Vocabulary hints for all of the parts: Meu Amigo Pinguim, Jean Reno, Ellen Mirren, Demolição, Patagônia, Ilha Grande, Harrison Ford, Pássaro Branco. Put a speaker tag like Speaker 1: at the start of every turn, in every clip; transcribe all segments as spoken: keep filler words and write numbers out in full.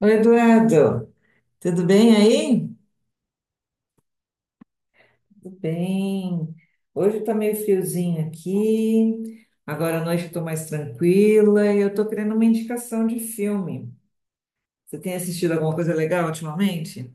Speaker 1: Oi, Eduardo, tudo bem aí? Tudo bem? Hoje tá meio friozinho aqui. Agora à noite eu tô mais tranquila e eu tô querendo uma indicação de filme. Você tem assistido alguma coisa legal ultimamente?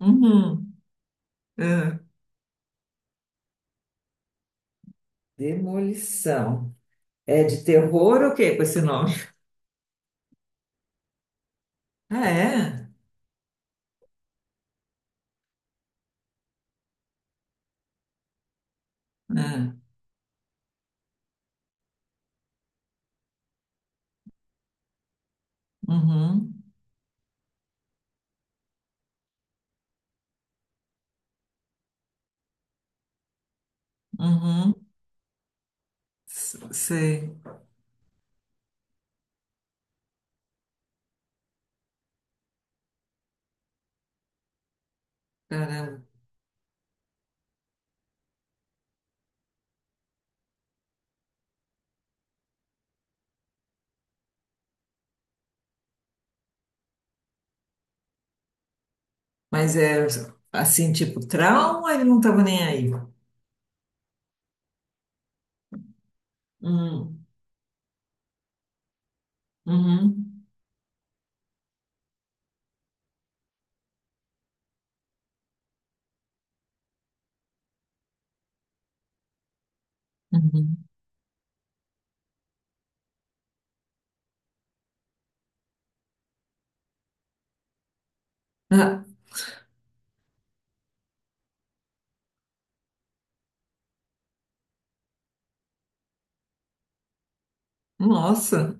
Speaker 1: Uhum. Ah, Demolição. É de terror ou o quê com esse nome? Ah, é? Ah, uhum, uhum, S- sei, caramba. Mas é assim, tipo, trauma, ele não tava nem aí. Hum, uhum. Uhum. Ah, nossa.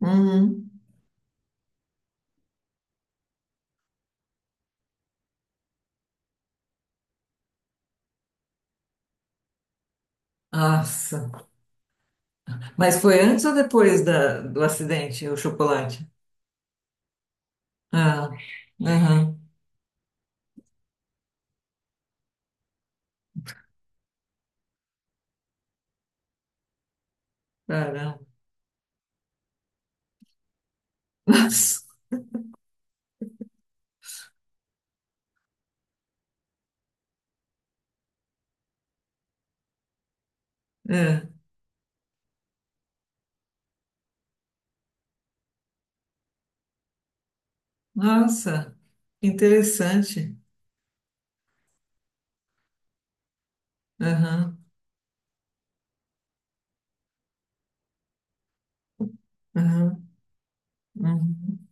Speaker 1: Uhum. Nossa. Mas foi antes ou depois da, do acidente, o chocolate? Ah, aham. Caramba. Nossa. É. Nossa. Que interessante. Aham. Aham. Uhum.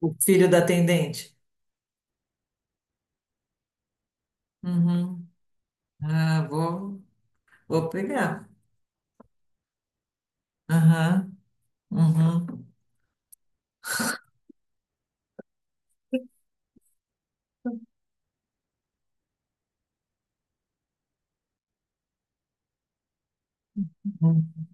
Speaker 1: O filho da atendente. Uhum. Ah, vou, vou pegar. Aham. Uhum. Uhum.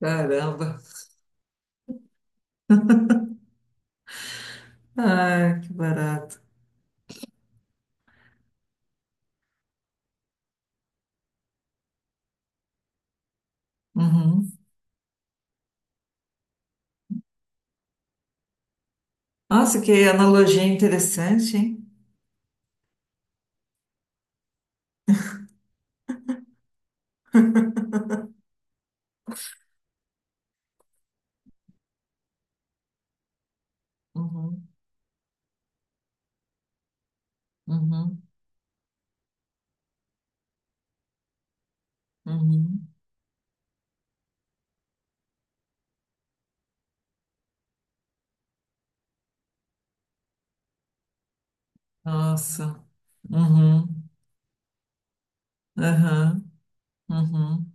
Speaker 1: Caramba. Ah, que barato. Uhum. Nossa, que analogia interessante, hein? Uhum. Uhum, uhum. Nossa. Uhum, aham, uhum,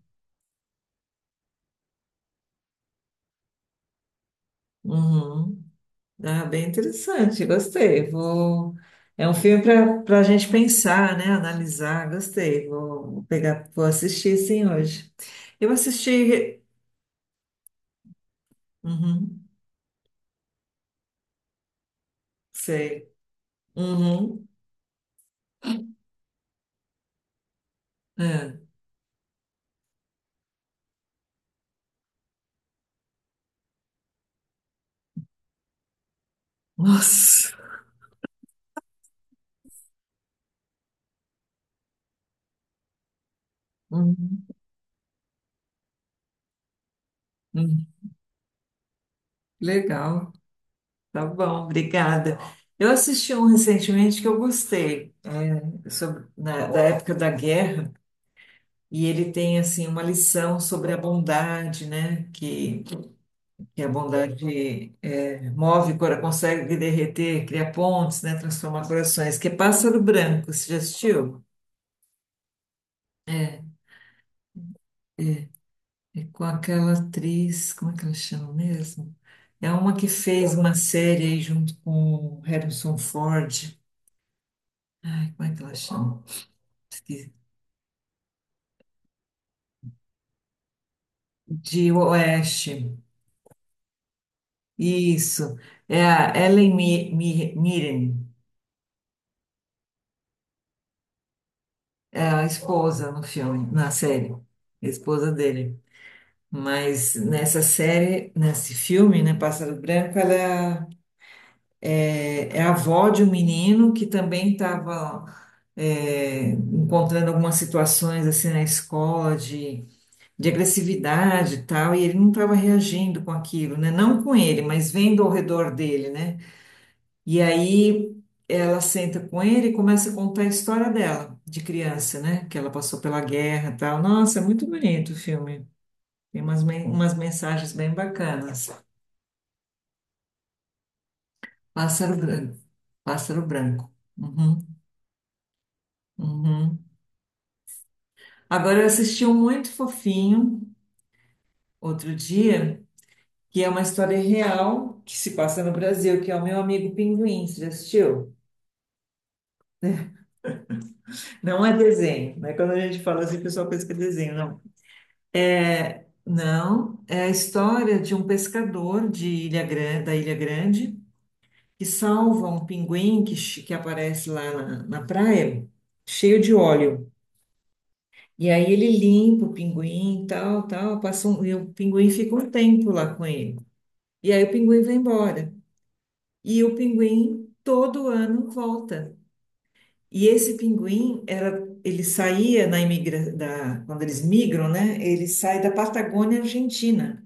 Speaker 1: uhum. Ah, bem interessante, gostei. Vou... É um filme para para a gente pensar, né? Analisar, gostei. Vou pegar, vou assistir sim hoje. Eu assisti. Uhum, sei. Uhum, é. Nossa. Uhum, uhum. Legal. Tá bom, obrigada. Eu assisti um recentemente que eu gostei, é, sobre, na- da época da guerra. E ele tem assim uma lição sobre a bondade, né? Que, que a bondade é, move, cora- consegue derreter, cria pontes, né? Transforma corações. Que é Pássaro Branco, você já assistiu? É com aquela atriz, como é que ela chama mesmo? É uma que fez uma série aí junto com o Harrison Ford. Ai, como é que ela chama? Esqueci. De Oeste. Isso. É a Ellen Mi- Mi- Mirren. É a esposa no filme, na série, a esposa dele. Mas nessa série, nesse filme, né, Pássaro Branco, ela é, é é a avó de um menino que também estava encontrando algumas situações assim na escola de, de agressividade e tal, e ele não estava reagindo com aquilo, né? Não com ele, mas vendo ao redor dele, né? E aí ela senta com ele e começa a contar a história dela, de criança, né? Que ela passou pela guerra e tal. Nossa, é muito bonito o filme. Tem umas, men- umas mensagens bem bacanas. Pássaro branco. Pássaro branco. Uhum, uhum. Agora eu assisti um muito fofinho outro dia, que é uma história real que se passa no Brasil, que é o meu amigo Pinguim. Você já assistiu? Não é desenho, né? Quando a gente fala assim, o pessoal pensa que é desenho. Não. É, não, é a história de um pescador de Ilha Grande, da Ilha Grande que salva um pinguim que, che- que aparece lá na, na praia, cheio de óleo. E aí ele limpa o pinguim, tal, tal, passa um, e o pinguim fica um tempo lá com ele. E aí o pinguim vai embora. E o pinguim todo ano volta. E esse pinguim era, ele saía na imigra, da, quando eles migram, né? Ele sai da Patagônia Argentina.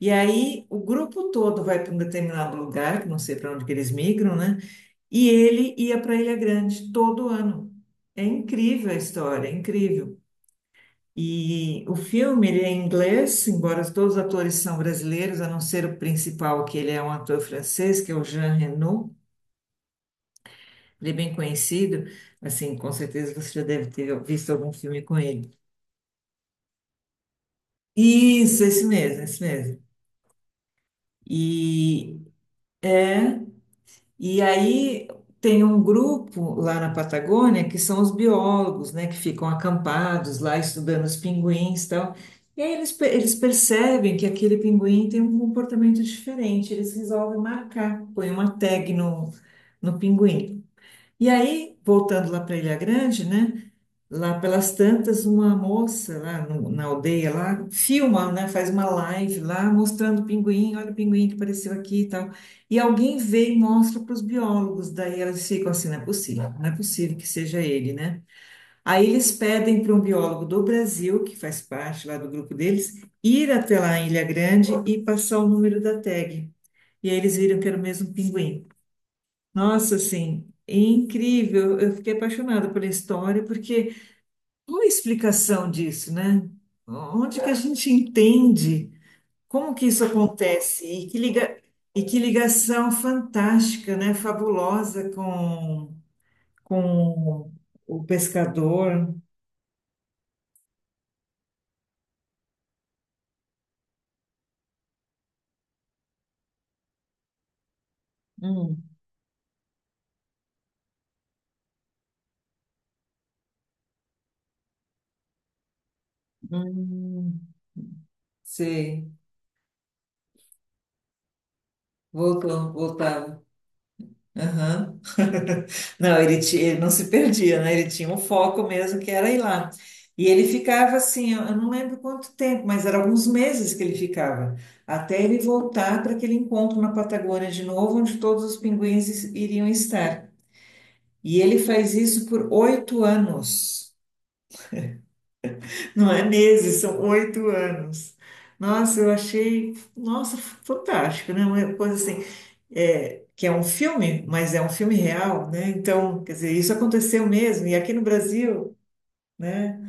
Speaker 1: E aí o grupo todo vai para um determinado lugar, que não sei para onde que eles migram, né? E ele ia para Ilha Grande todo ano. É incrível a história, é incrível. E o filme, ele é em inglês, embora todos os atores são brasileiros, a não ser o principal, que ele é um ator francês, que é o Jean Reno. Ele é bem conhecido, assim, com certeza você já deve ter visto algum filme com ele. Isso, esse mesmo, esse mesmo. E é E aí tem um grupo lá na Patagônia que são os biólogos, né, que ficam acampados lá estudando os pinguins e tal. E aí eles, pe- eles percebem que aquele pinguim tem um comportamento diferente, eles resolvem marcar, põem uma tag no, no pinguim. E aí, voltando lá para Ilha Grande, né? Lá pelas tantas, uma moça lá no- na aldeia lá filma, né? Faz uma live lá mostrando o pinguim, olha o pinguim que apareceu aqui e tal. E alguém vê e mostra para os biólogos, daí elas ficam assim, não é possível, não é possível que seja ele, né? Aí eles pedem para um biólogo do Brasil, que faz parte lá do grupo deles, ir até lá em Ilha Grande e passar o número da tag. E aí eles viram que era o mesmo pinguim. Nossa, assim, incrível. Eu fiquei apaixonada pela história, porque uma explicação disso, né? Onde que a gente entende como que isso acontece e que liga, e que ligação fantástica, né? Fabulosa com, com o pescador. Hum, hum, sei, voltou, voltava. Aham. Não, ele, ti- ele não se perdia, né? Ele tinha um foco mesmo que era ir lá. E ele ficava assim, eu eu não lembro quanto tempo, mas era alguns meses que ele ficava, até ele voltar para aquele encontro na Patagônia de novo, onde todos os pinguins is- iriam estar. E ele faz isso por oito anos. Não é meses, são oito anos. Nossa, eu achei, nossa, fantástico, né? Uma coisa assim, é, que é um filme, mas é um filme real, né? Então, quer dizer, isso aconteceu mesmo, e aqui no Brasil, né?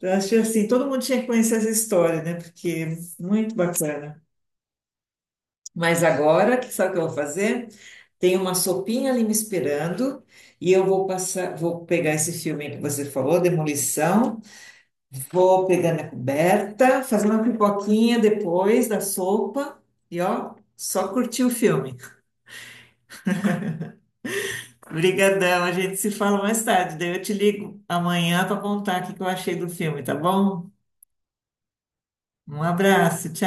Speaker 1: Eu achei assim, todo mundo tinha que conhecer essa história, né? Porque é muito bacana. Mas agora, que sabe o que eu vou fazer? Tem uma sopinha ali me esperando, e eu vou passar, vou pegar esse filme que você falou, Demolição, Vou pegar minha coberta, fazer uma pipoquinha depois da sopa e ó, só curtir o filme. Obrigadão, a gente se fala mais tarde. Daí eu te ligo amanhã para contar o que que eu achei do filme, tá bom? Um abraço, tchau.